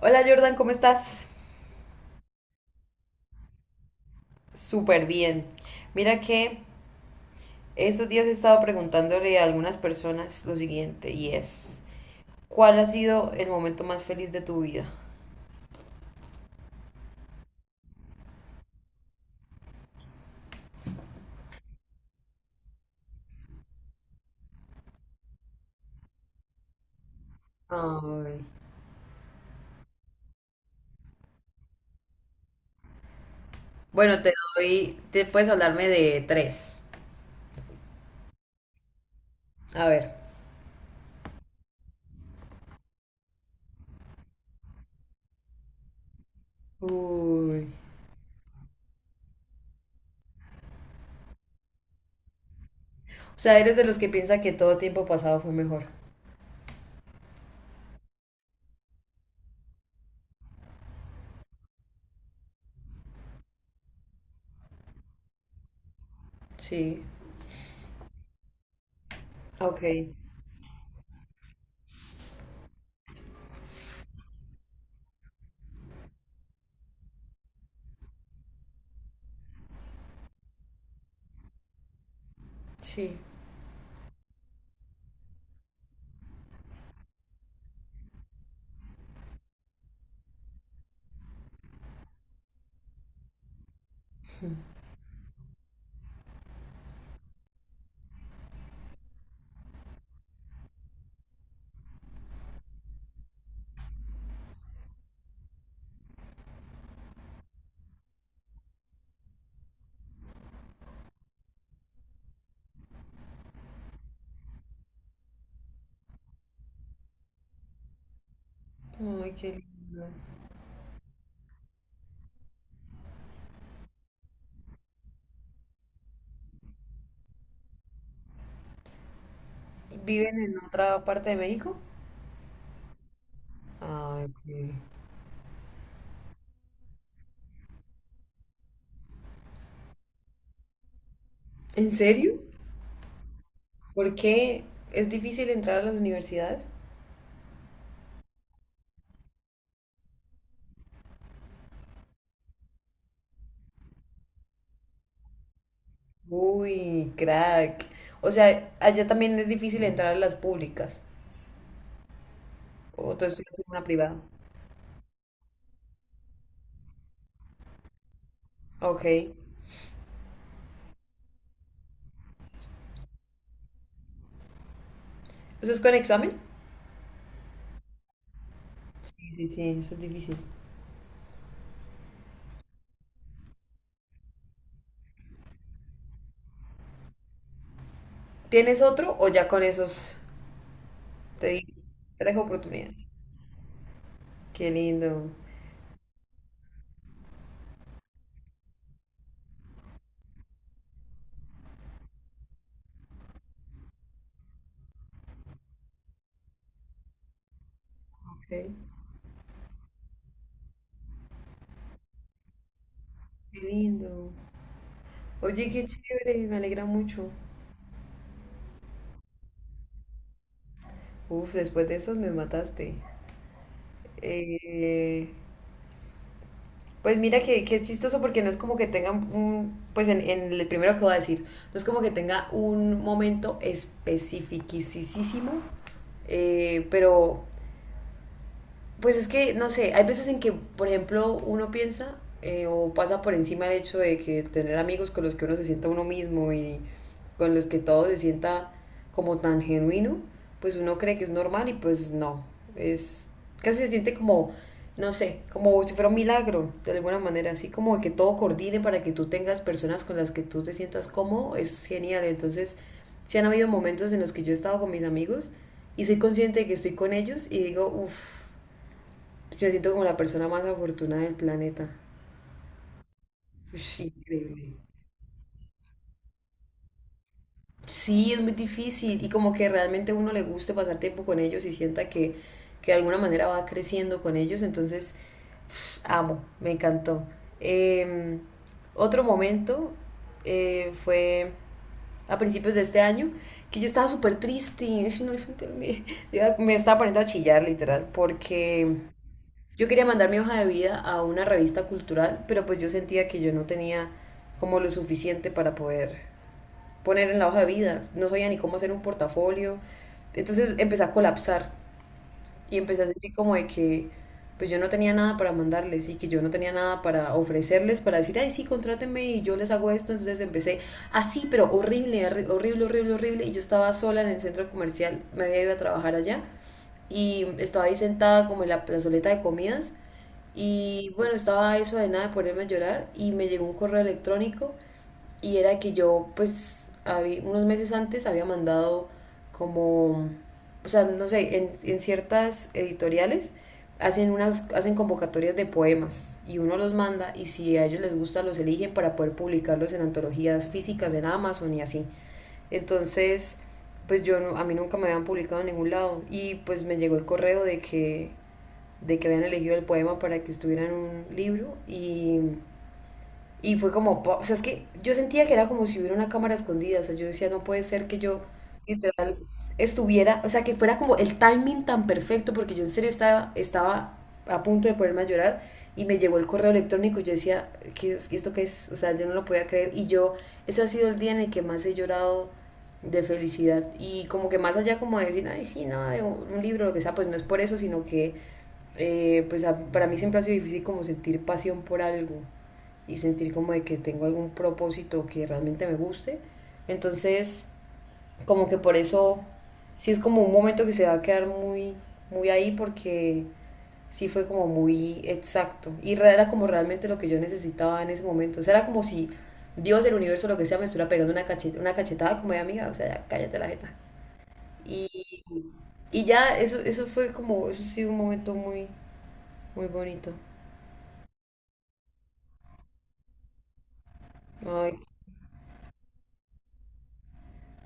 Hola Jordan, ¿cómo estás? Súper bien. Mira que estos días he estado preguntándole a algunas personas lo siguiente y es, ¿cuál ha sido el momento más feliz de tu vida? Ay. Bueno, te doy, te puedes hablarme de tres. A ver. Uy. O sea, ¿eres de los que piensa que todo tiempo pasado fue mejor? Sí, ok, sí. Ay, qué lindo. ¿Viven en otra parte de México? Ay, qué- ¿En serio? ¿Por qué es difícil entrar a las universidades? Uy, crack. O sea, allá también es difícil entrar a las públicas. ¿O tú estudias en una privada? Ok. ¿Eso es con examen? Sí, sí, sí, eso es difícil. ¿Tienes otro o ya con esos te di tres oportunidades? Qué lindo. Ok. Qué lindo. Oye, qué chévere, me alegra mucho. Uf, después de esos me mataste. Eh, Pues mira que es chistoso porque no es como que tenga un, pues en el primero que voy a decir, no es como que tenga un momento especificísimo, pero pues es que, no sé, hay veces en que, por ejemplo, uno piensa o pasa por encima el hecho de que tener amigos con los que uno se sienta uno mismo y con los que todo se sienta como tan genuino, pues uno cree que es normal y pues no, es casi se siente como, no sé, como si fuera un milagro, de alguna manera, así como que todo coordine para que tú tengas personas con las que tú te sientas cómodo, es genial. Entonces, sí han habido momentos en los que yo he estado con mis amigos y soy consciente de que estoy con ellos y digo, uff, pues me siento como la persona más afortunada del planeta. Ush, increíble. Sí, es muy difícil y como que realmente a uno le guste pasar tiempo con ellos y sienta que de alguna manera va creciendo con ellos, entonces pf, amo, me encantó. Eh, otro momento fue a principios de este año que yo estaba súper triste, y, "Ay, no, yo te- me, yo me estaba poniendo a chillar literal porque yo quería mandar mi hoja de vida a una revista cultural, pero pues yo sentía que yo no tenía como lo suficiente para poder poner en la hoja de vida. No sabía ni cómo hacer un portafolio. Entonces empecé a colapsar y empecé a sentir como de que pues yo no tenía nada para mandarles y que yo no tenía nada para ofrecerles, para decir, ay, sí, contrátenme y yo les hago esto. Entonces empecé así, pero horrible, horri- horrible, horrible, horrible. Y yo estaba sola en el centro comercial, me había ido a trabajar allá y estaba ahí sentada como en la plazoleta de comidas y bueno, estaba a eso de nada de ponerme a llorar y me llegó un correo electrónico y era que yo pues habí- unos meses antes había mandado como, o sea, no sé, en ciertas editoriales hacen unas, hacen convocatorias de poemas y uno los manda y si a ellos les gusta los eligen para poder publicarlos en antologías físicas en Amazon y así. Entonces, pues yo no, a mí nunca me habían publicado en ningún lado y pues me llegó el correo de que habían elegido el poema para que estuviera en un libro y fue como, po- o sea, es que yo sentía que era como si hubiera una cámara escondida, o sea, yo decía, no puede ser que yo literal estuviera, o sea, que fuera como el timing tan perfecto, porque yo en serio estaba, estaba a punto de ponerme a llorar y me llegó el correo electrónico y yo decía, ¿qué es- esto qué es? O sea, yo no lo podía creer y yo, ese ha sido el día en el que más he llorado de felicidad y como que más allá como de decir, ay, sí, no, de un libro, lo que sea, pues no es por eso, sino que pues a- para mí siempre ha sido difícil como sentir pasión por algo y sentir como de que tengo algún propósito que realmente me guste. Entonces, como que por eso, sí es como un momento que se va a quedar muy, muy ahí porque sí fue como muy exacto y era como realmente lo que yo necesitaba en ese momento. O sea, era como si Dios, el universo, lo que sea, me estuviera pegando una cacheta, una cachetada como de amiga, o sea, ya cállate la jeta. Y, y ya, eso fue como, eso sí, un momento muy, muy bonito. Ay,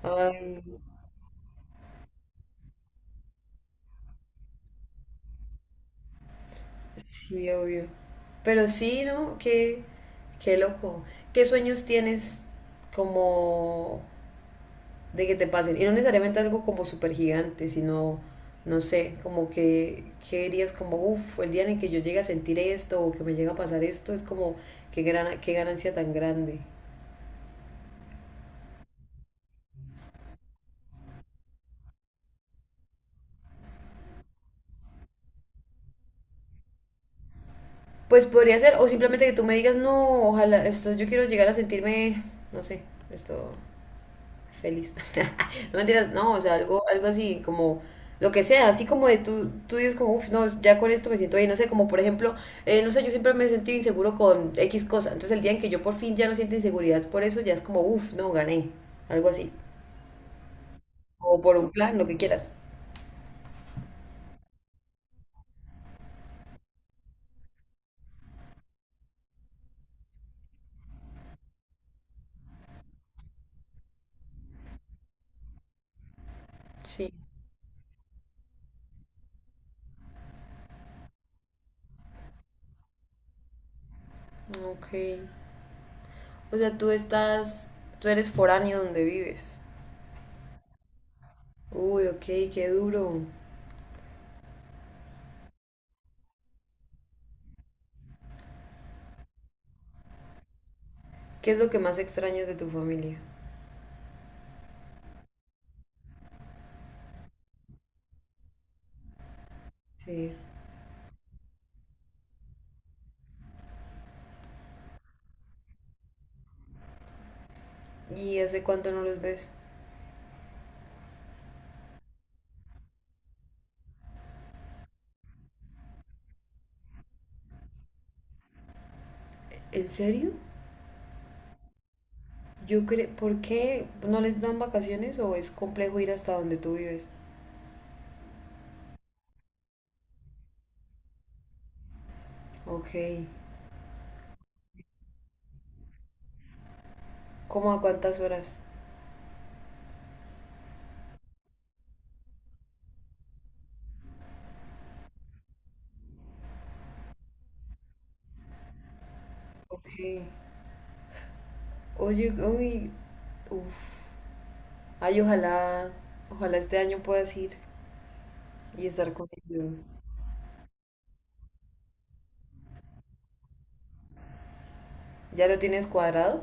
ay, sí, obvio. Pero sí, ¿no? Qué, qué loco. ¿Qué sueños tienes como de que te pasen? Y no necesariamente algo como súper gigante, sino, no sé, como que, ¿qué dirías? Como, uff, el día en el que yo llegue a sentir esto o que me llega a pasar esto, es como, qué gran, qué ganancia tan grande. Pues podría ser, o simplemente que tú me digas, no, ojalá, esto, yo quiero llegar a sentirme, no sé, esto, feliz. No mentiras, no, o sea, algo, algo así como lo que sea, así como de tú, tú dices como, uff, no, ya con esto me siento bien, no sé, como por ejemplo, no sé, yo siempre me he sentido inseguro con X cosa, entonces el día en que yo por fin ya no siento inseguridad por eso, ya es como, uff, no, gané, algo así, o por un plan, lo que quieras. Sí, ok. O sea, tú estás, tú eres foráneo donde vives. Uy, ok, qué duro. ¿Qué es lo que más extrañas de tu familia? Sí. ¿Y hace cuánto no los ves? ¿En serio? Yo creo, ¿por qué no les dan vacaciones o es complejo ir hasta donde tú vives? Ok, ¿cómo a cuántas horas? Ok, oye, uy, uff, ay, ojalá, ojalá este año puedas ir y estar con ellos. ¿Ya lo tienes cuadrado?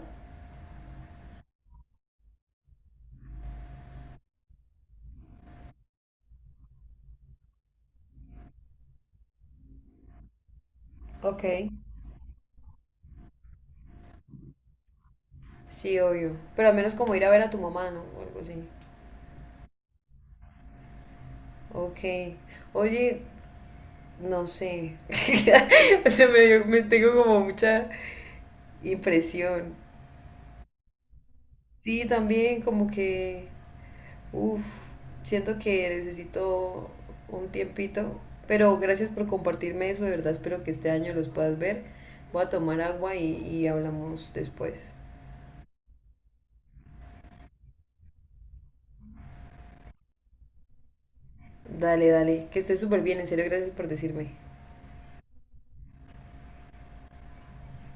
Ok, sí, obvio, pero al menos como ir a ver a tu mamá, ¿no? O algo así. Ok, oye, no sé, o sea, me dio- me tengo como mucha impresión. Sí, también como que uf, siento que necesito un tiempito, pero gracias por compartirme eso, de verdad espero que este año los puedas ver. Voy a tomar agua y hablamos después. Dale, dale, que estés súper bien, en serio, gracias por decirme.